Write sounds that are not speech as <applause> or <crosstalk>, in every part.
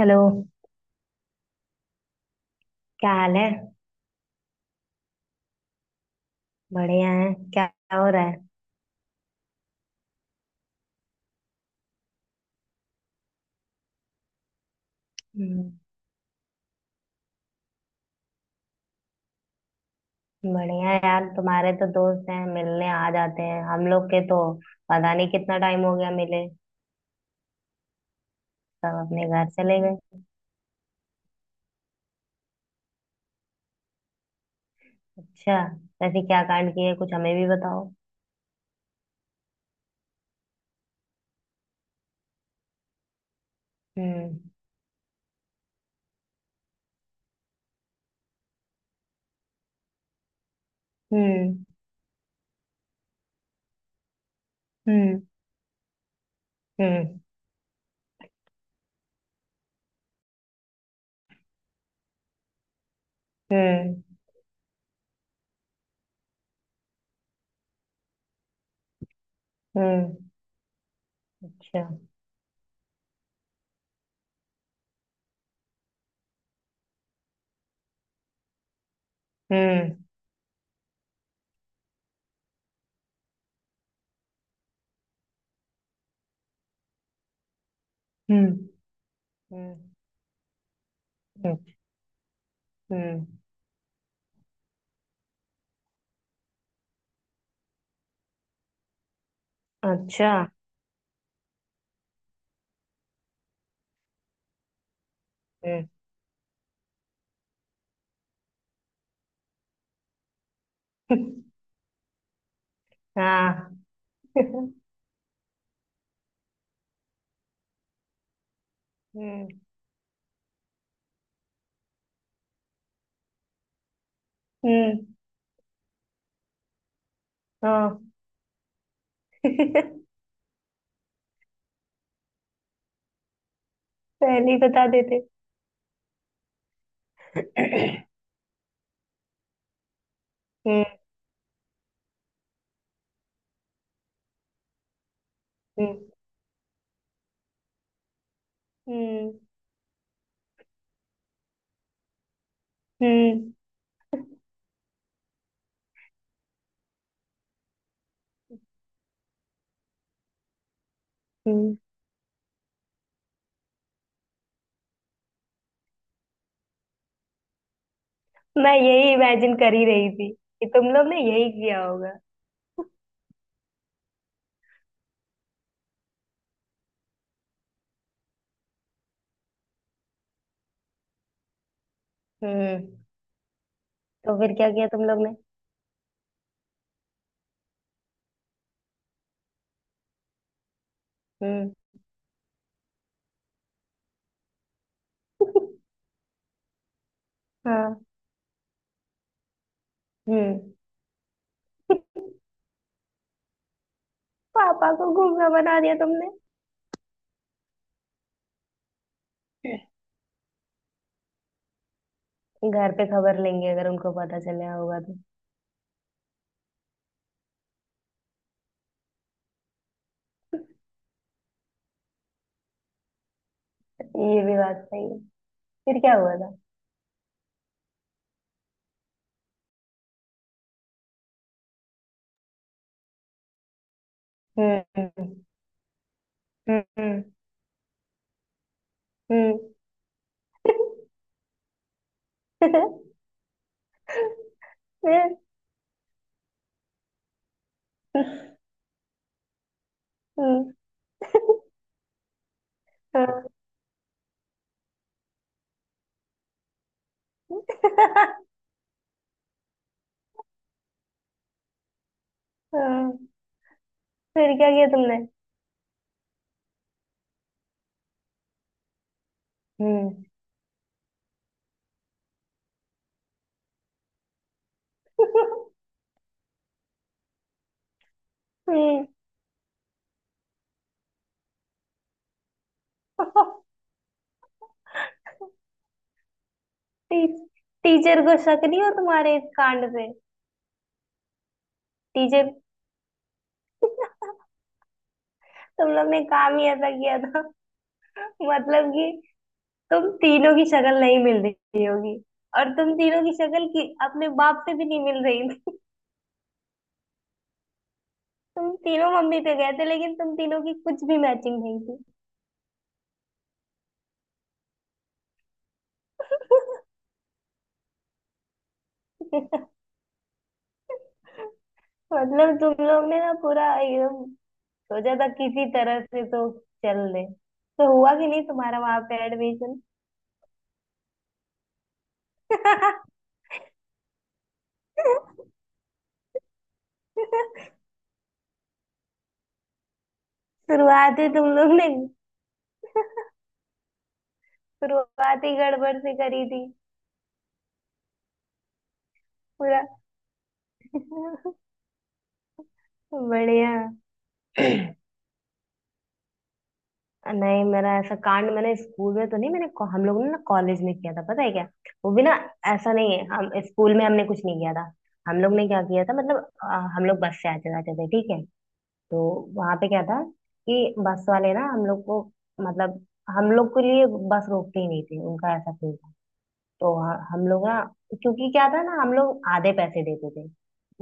Hello. क्या हाल है? बढ़िया है क्या हो रहा है? हम्म। बढ़िया है यार, तुम्हारे तो दोस्त हैं, मिलने आ जाते हैं। हम लोग के तो पता नहीं कितना टाइम हो गया मिले, सब अपने घर चले गए। अच्छा। वैसे क्या कांड किए कुछ हमें भी बताओ। हम्म। हम्म। हम्म। हम्म। हम्म। हम्म। अच्छा। हम्म। हम्म। हम्म। हम्म। अच्छा। हम्म। <laughs> हाँ। <laughs> हम्म। हम्म। हाँ। <laughs> पहले ही बता देते। हम्म। हम्म। हम्म। हम्म। हम्म। मैं यही इमेजिन कर ही रही थी कि तुम लोग ने यही किया होगा। हम्म। तो फिर क्या किया तुम लोग ने? हम्म। हाँ। हम्म। पापा को घूमना बना दिया तुमने। घर पे खबर लेंगे अगर उनको पता चला होगा तो। ये भी बात सही है। फिर क्या हुआ था? हम्म। हम्म। हम्म। हम्म। <laughs> हम्म। हाँ। <laughs> हाँ। फिर क्या किया तुमने? हम्म। हम्म। टी, टीचर को शक नहीं हो तुम्हारे इस कांड पे? टीचर, तुम लोग ने काम ही ऐसा किया था। <laughs> मतलब कि तुम तीनों की शक्ल नहीं मिल रही होगी, और तुम तीनों की शक्ल की अपने बाप से भी नहीं मिल रही थी। तुम तीनों मम्मी पे गए थे, लेकिन तुम तीनों की कुछ भी मैचिंग नहीं थी। <laughs> मतलब तुम लोग ने ना पूरा एकदम सोचा था किसी तरह से तो चल दे। तो हुआ कि नहीं तुम्हारा वहां पे एडमिशन? <laughs> <laughs> शुरुआत ही तुम लोग ने। <laughs> शुरुआत ही गड़बड़ से करी थी। पूरा। <laughs> बढ़िया। <clears throat> नहीं, मेरा ऐसा कांड मैंने स्कूल में तो नहीं। मैंने, हम लोगों ने ना कॉलेज में किया था, पता है क्या? वो भी ना। ऐसा नहीं है, हम स्कूल में हमने कुछ नहीं किया था। हम लोग ने क्या किया था? मतलब हम लोग बस से आते जाते थे, ठीक है? तो वहां पे क्या था कि बस वाले ना हम लोग को, मतलब हम लोग के लिए बस रोकते ही नहीं थे, उनका ऐसा थी। तो हम लोग ना, क्योंकि क्या था ना, हम लोग आधे पैसे देते थे,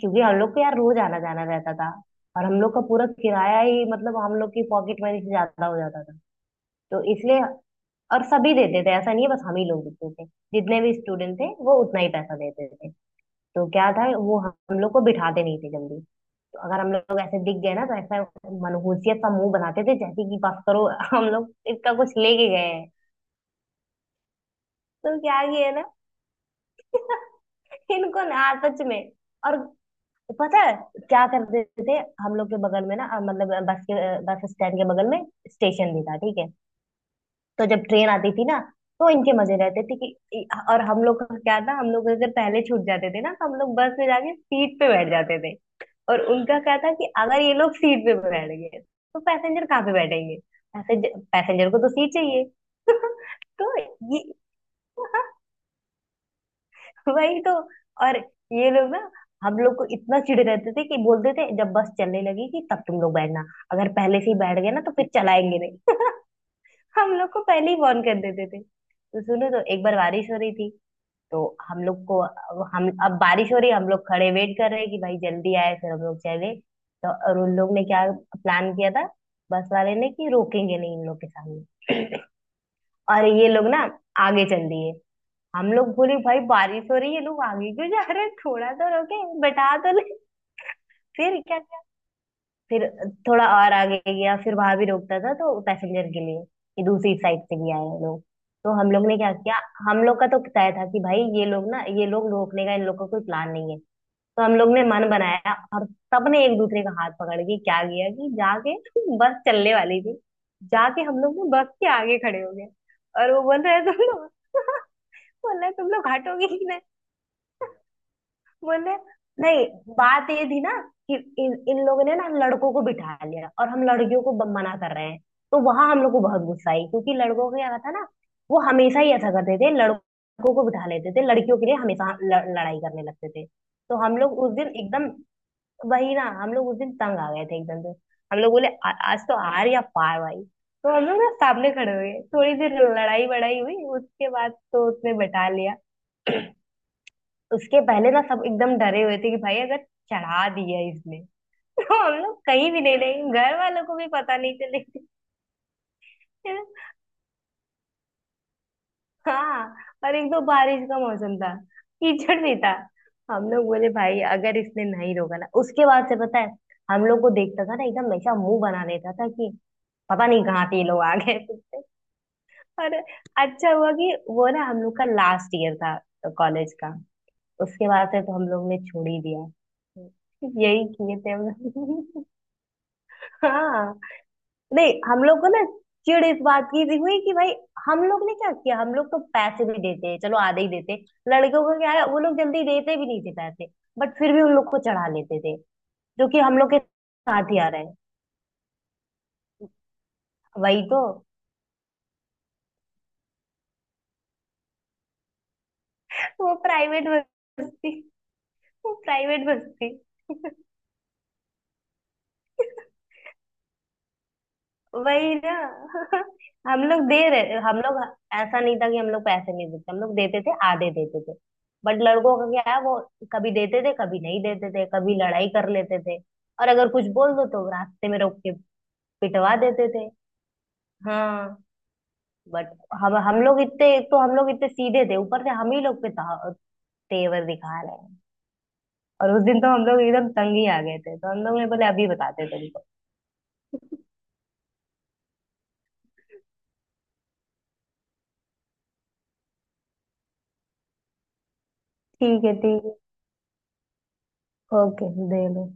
क्योंकि हम लोग को यार रोज आना जाना रहता था, और हम लोग का पूरा किराया ही, मतलब हम लोग की पॉकेट मनी से ज्यादा हो जाता था। तो इसलिए, और सभी देते थे, ऐसा नहीं है बस हम ही लोग देते थे। जितने भी स्टूडेंट थे वो उतना ही पैसा देते थे। तो क्या था, वो हम लोग को बिठाते नहीं थे जल्दी। तो अगर हम लोग ऐसे दिख गए ना तो ऐसा मनहूसियत सा मुंह बनाते थे जैसे कि बस करो, हम लोग इसका कुछ लेके गए हैं। तो क्या किए ना, <laughs> इनको ना, सच में। और तो पता है क्या कर देते थे? हम लोग के बगल में ना मतलब बस के बस स्टैंड के बगल में स्टेशन भी था, ठीक है? तो जब ट्रेन आती थी ना, तो इनके मजे रहते थे कि इ- और हम लोग का क्या था, हम लोग अगर पहले छूट जाते थे ना तो हम लोग बस में जाके सीट पे बैठ जाते थे। और उनका क्या था कि अगर ये लोग सीट पे बैठ गए तो पैसेंजर कहाँ पे बैठेंगे, पैसेंजर पैसेंजर को तो सीट चाहिए। <laughs> तो ये, <laughs> वही तो। और ये लोग ना हम लोग को इतना चिढ़ रहते थे कि बोलते थे जब बस चलने लगेगी तब तुम लोग बैठना, अगर पहले से ही बैठ गए ना तो फिर चलाएंगे नहीं। <laughs> हम लोग को पहले ही वार्न कर देते थे। तो सुनो, तो एक बार बारिश हो रही थी, तो हम लोग को, हम अब बारिश हो रही है, हम लोग खड़े वेट कर रहे हैं कि भाई जल्दी आए फिर हम लोग चले। तो और उन लोग ने क्या प्लान किया था, बस वाले ने, कि रोकेंगे नहीं इन लोग के सामने। और ये लोग ना आगे चल दिए। हम लोग बोले भाई बारिश हो रही है, लोग आगे क्यों जा रहे हैं, थोड़ा तो रोके, बैठा तो ले। फिर क्या क्या, फिर थोड़ा और आगे गया, फिर वहां भी रोकता था तो पैसेंजर के लिए, कि दूसरी साइड से भी आए हैं लोग। तो हम लोग ने क्या किया, हम लोग का तो तय था कि भाई ये लोग ना, ये लोग रोकने का इन लोग का कोई प्लान नहीं है। तो हम लोग ने मन बनाया, और सबने एक दूसरे का हाथ पकड़ के क्या किया कि जाके, <laughs> बस चलने वाली थी, जाके हम लोग ना बस के आगे खड़े हो गए। और वो बोल रहे तुम लोग, <laughs> बोल रहे तुम लोग हटोगे कि नहीं। बोले नहीं। बात ये थी ना कि इन इन लोगों ने ना हम लड़कों को बिठा लिया और हम लड़कियों को मना कर रहे हैं। तो वहां हम लोग को बहुत गुस्सा आई, क्योंकि लड़कों का क्या था ना, वो हमेशा ही ऐसा करते थे, लड़कों को बिठा लेते थे, लड़कियों के लिए हमेशा लड़ाई करने लगते थे। तो हम लोग उस दिन एकदम, वही ना, हम लोग उस दिन तंग आ गए थे एकदम से। हम लोग बोले " आज तो आर या पार भाई। तो हम लोग ना सामने खड़े हुए थोड़ी देर, लड़ाई बड़ाई हुई, उसके बाद तो उसने बिठा लिया। उसके पहले ना सब एकदम डरे हुए थे कि भाई अगर चढ़ा दिया इसने, <laughs> तो हम लोग कहीं भी नहीं रहेंगे, घर वालों को भी पता नहीं चलेगी। <laughs> हाँ। और एक तो बारिश का मौसम था, कीचड़ भी था। हम लोग बोले भाई अगर इसने नहीं रोका ना। उसके बाद से पता है, हम लोग को देखता था ना एकदम ऐसा मुंह बना लेता था कि पता नहीं कहाँ से ये लोग आ गए फिर से। और अच्छा हुआ कि वो ना हम लोग का लास्ट ईयर था कॉलेज का। उसके बाद से तो हम लोग ने छोड़ ही दिया। यही किए थे हम लोग। हाँ। नहीं, हम लोग को ना चिढ़ इस बात की भी हुई कि भाई, हम लोग ने क्या किया, हम लोग तो पैसे भी देते हैं, चलो आधे ही देते। लड़कियों का क्या है, वो लोग जल्दी देते भी नहीं थे पैसे, बट फिर भी उन लोग को चढ़ा लेते थे, जो कि हम लोग के साथ ही आ रहे हैं। वही तो। वो प्राइवेट बस थी। वो प्राइवेट बस थी। वही ना। <laughs> हम लोग दे रहे हम लोग। ऐसा नहीं था कि हम लोग पैसे नहीं देते, हम लोग देते थे, आधे देते थे। बट लड़कों का क्या है, वो कभी देते थे कभी नहीं देते थे, कभी लड़ाई कर लेते थे। और अगर कुछ बोल दो तो रास्ते में रोक के पिटवा देते थे। हाँ। बट हम लोग इतने, एक तो हम लोग इतने सीधे थे, ऊपर से हम ही लोग पे तेवर दिखा रहे हैं। और उस दिन तो हम लोग एकदम तंग ही आ गए थे तो हम लोग ने बोले अभी बताते तुमको। ठीक है ठीक है। ओके दे लो।